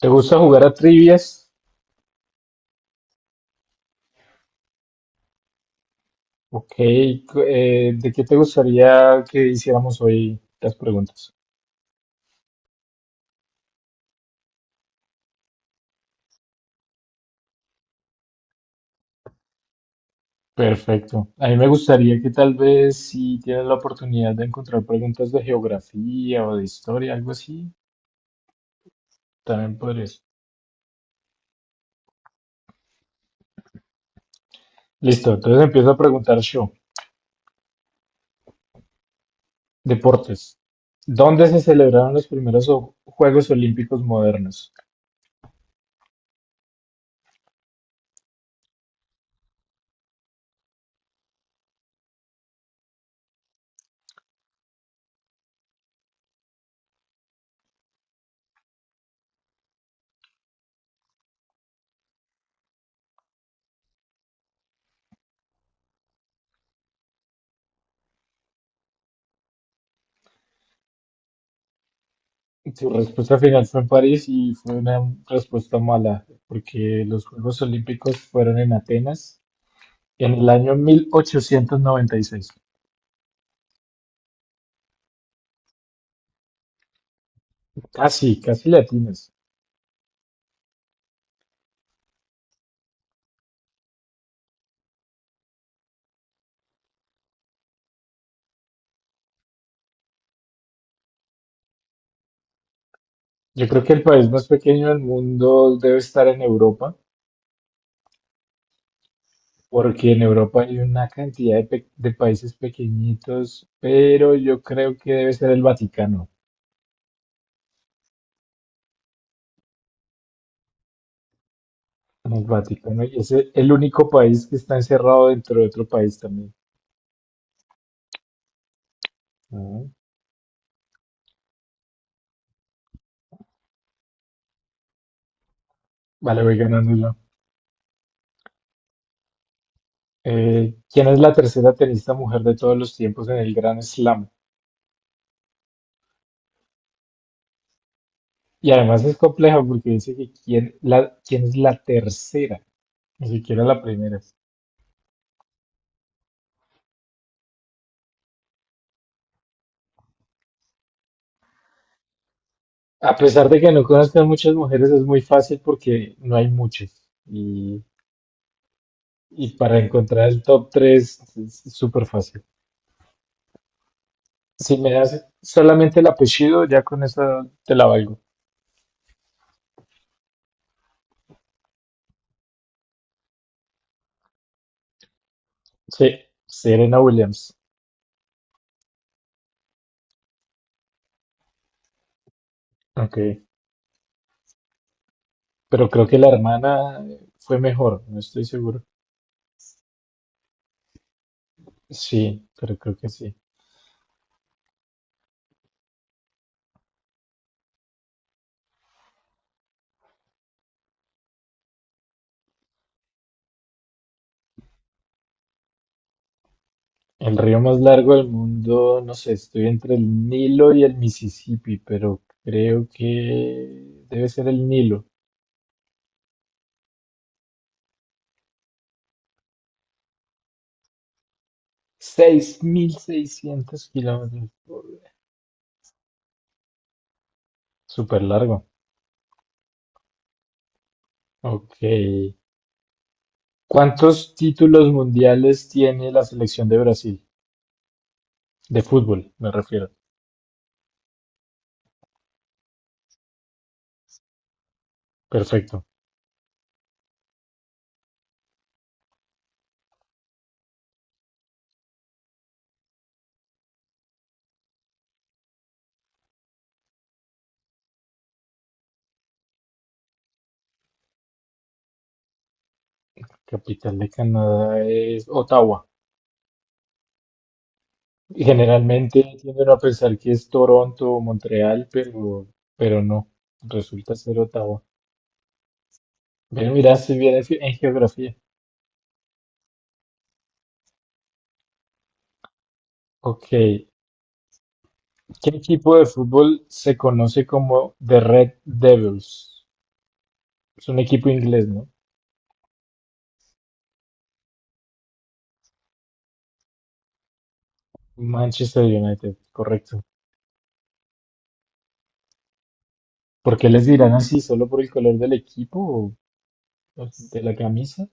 ¿Te gusta jugar a trivias? Ok, ¿de qué te gustaría que hiciéramos hoy las preguntas? Perfecto. A mí me gustaría que tal vez, si tienes la oportunidad de encontrar preguntas de geografía o de historia, algo así, también podrías. Listo, entonces empiezo a preguntar yo. Deportes. ¿Dónde se celebraron los primeros Juegos Olímpicos modernos? Tu respuesta final fue en París y fue una respuesta mala, porque los Juegos Olímpicos fueron en Atenas, en el año 1896. Casi, casi le atinas. Yo creo que el país más pequeño del mundo debe estar en Europa, porque en Europa hay una cantidad de, de países pequeñitos, pero yo creo que debe ser el Vaticano. El Vaticano, y es el único país que está encerrado dentro de otro país también. Ah. Vale, voy ganándolo. ¿Quién es la tercera tenista mujer de todos los tiempos en el Grand Slam? Y además es compleja porque dice que quién, la, quién es la tercera. Ni siquiera la primera. A pesar de que no conozcan muchas mujeres, es muy fácil porque no hay muchas. Y para encontrar el top 3 es súper fácil. Si me das solamente el apellido, ya con eso te la valgo. Sí, Serena Williams. Ok. Pero creo que la hermana fue mejor, no estoy seguro. Sí, pero creo que sí. El río más largo del mundo, no sé, estoy entre el Nilo y el Mississippi, pero creo que debe ser el Nilo. 6.600 kilómetros. Súper largo. Ok. ¿Cuántos títulos mundiales tiene la selección de Brasil? De fútbol, me refiero. Perfecto. Capital de Canadá es Ottawa. Generalmente tienden a pensar que es Toronto o Montreal, pero no. Resulta ser Ottawa. Bien, mira, si bien en en geografía. Ok. ¿Qué equipo de fútbol se conoce como The Red Devils? Es un equipo inglés, ¿no? Manchester United, correcto. ¿Por qué les dirán así? ¿Solo por el color del equipo o de la camisa?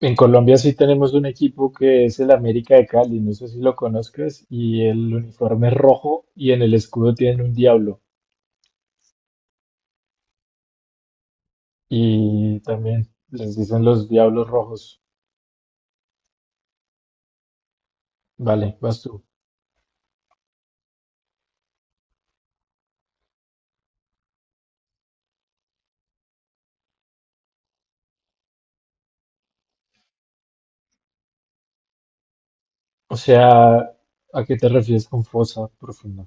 En Colombia sí tenemos un equipo que es el América de Cali, no sé si lo conozcas, y el uniforme es rojo y en el escudo tienen un diablo. Y también les dicen los diablos rojos. Vale, vas tú. O sea, ¿a qué te refieres con fosa profunda?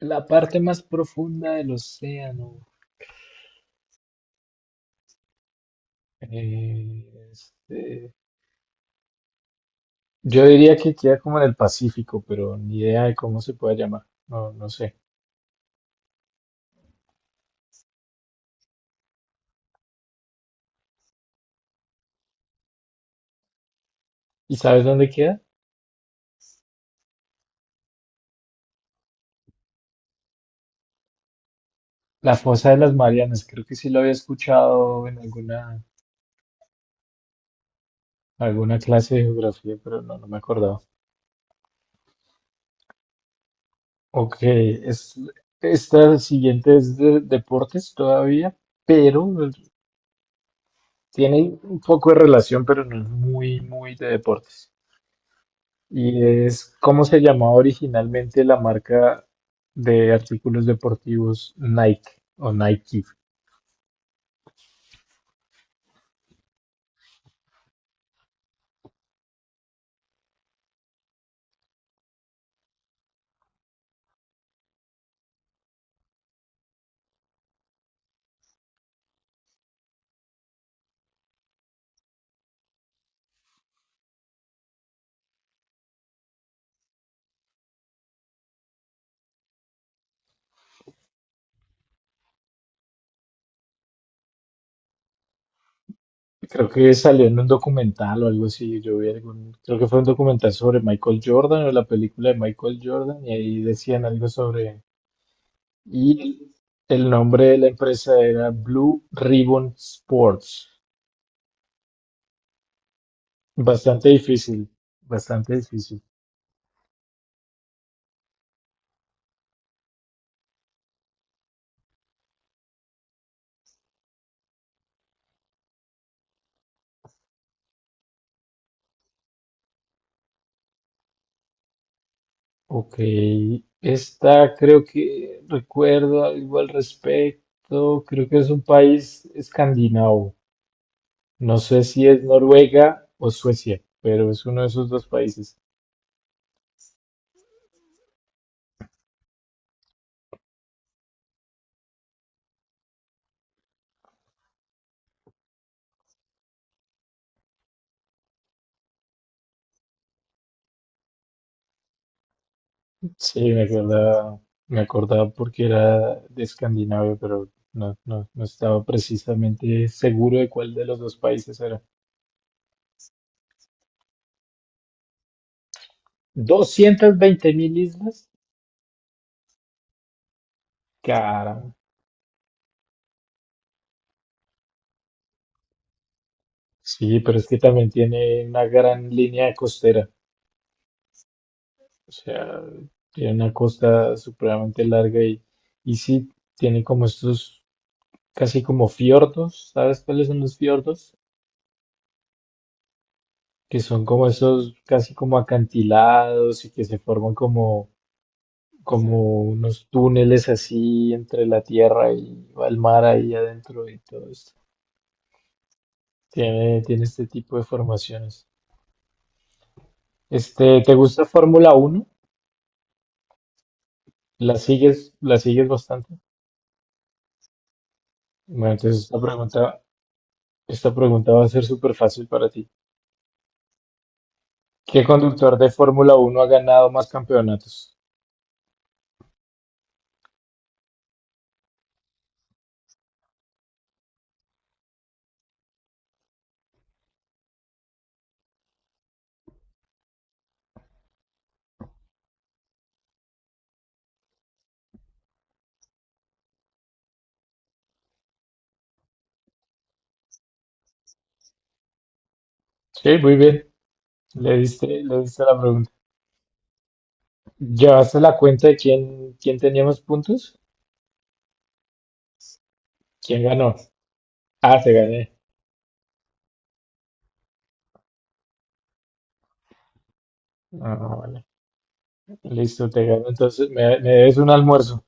La parte más profunda del océano. Eh, este, Yo diría que queda como en el Pacífico, pero ni idea de cómo se puede llamar. No, no sé. ¿Y sabes dónde queda? La Fosa de las Marianas. Creo que sí lo había escuchado en alguna, alguna clase de geografía, pero no, no me acordaba. Ok, es, esta siguiente es de deportes todavía, pero tiene un poco de relación, pero no es muy, muy de deportes. Y es cómo se llamaba originalmente la marca de artículos deportivos Nike o Nike. Creo que salió en un documental o algo así. Yo vi algún, creo que fue un documental sobre Michael Jordan o la película de Michael Jordan y ahí decían algo sobre... Y el nombre de la empresa era Blue Ribbon Sports. Bastante difícil, bastante difícil. Ok, esta creo que recuerdo algo al respecto. Creo que es un país escandinavo. No sé si es Noruega o Suecia, pero es uno de esos dos países. Sí, me acordaba porque era de Escandinavia, pero no, no, no estaba precisamente seguro de cuál de los dos países era. 220.000 islas, caramba. Sí, pero es que también tiene una gran línea costera, o sea, tiene una costa supremamente larga y sí, tiene como estos casi como fiordos, ¿sabes cuáles son los fiordos? Que son como esos casi como acantilados y que se forman como como unos túneles así entre la tierra y el mar ahí adentro y todo esto. Tiene, tiene este tipo de formaciones. Este, ¿te gusta Fórmula Uno? La sigues bastante? Bueno, entonces esta pregunta va a ser súper fácil para ti. ¿Qué conductor de Fórmula Uno ha ganado más campeonatos? Sí, muy bien. Le diste la pregunta. ¿Llevaste la cuenta de quién, quién tenía más puntos? ¿Quién ganó? Ah, te gané. Ah, bueno. Listo, te gano. Entonces, me debes un almuerzo.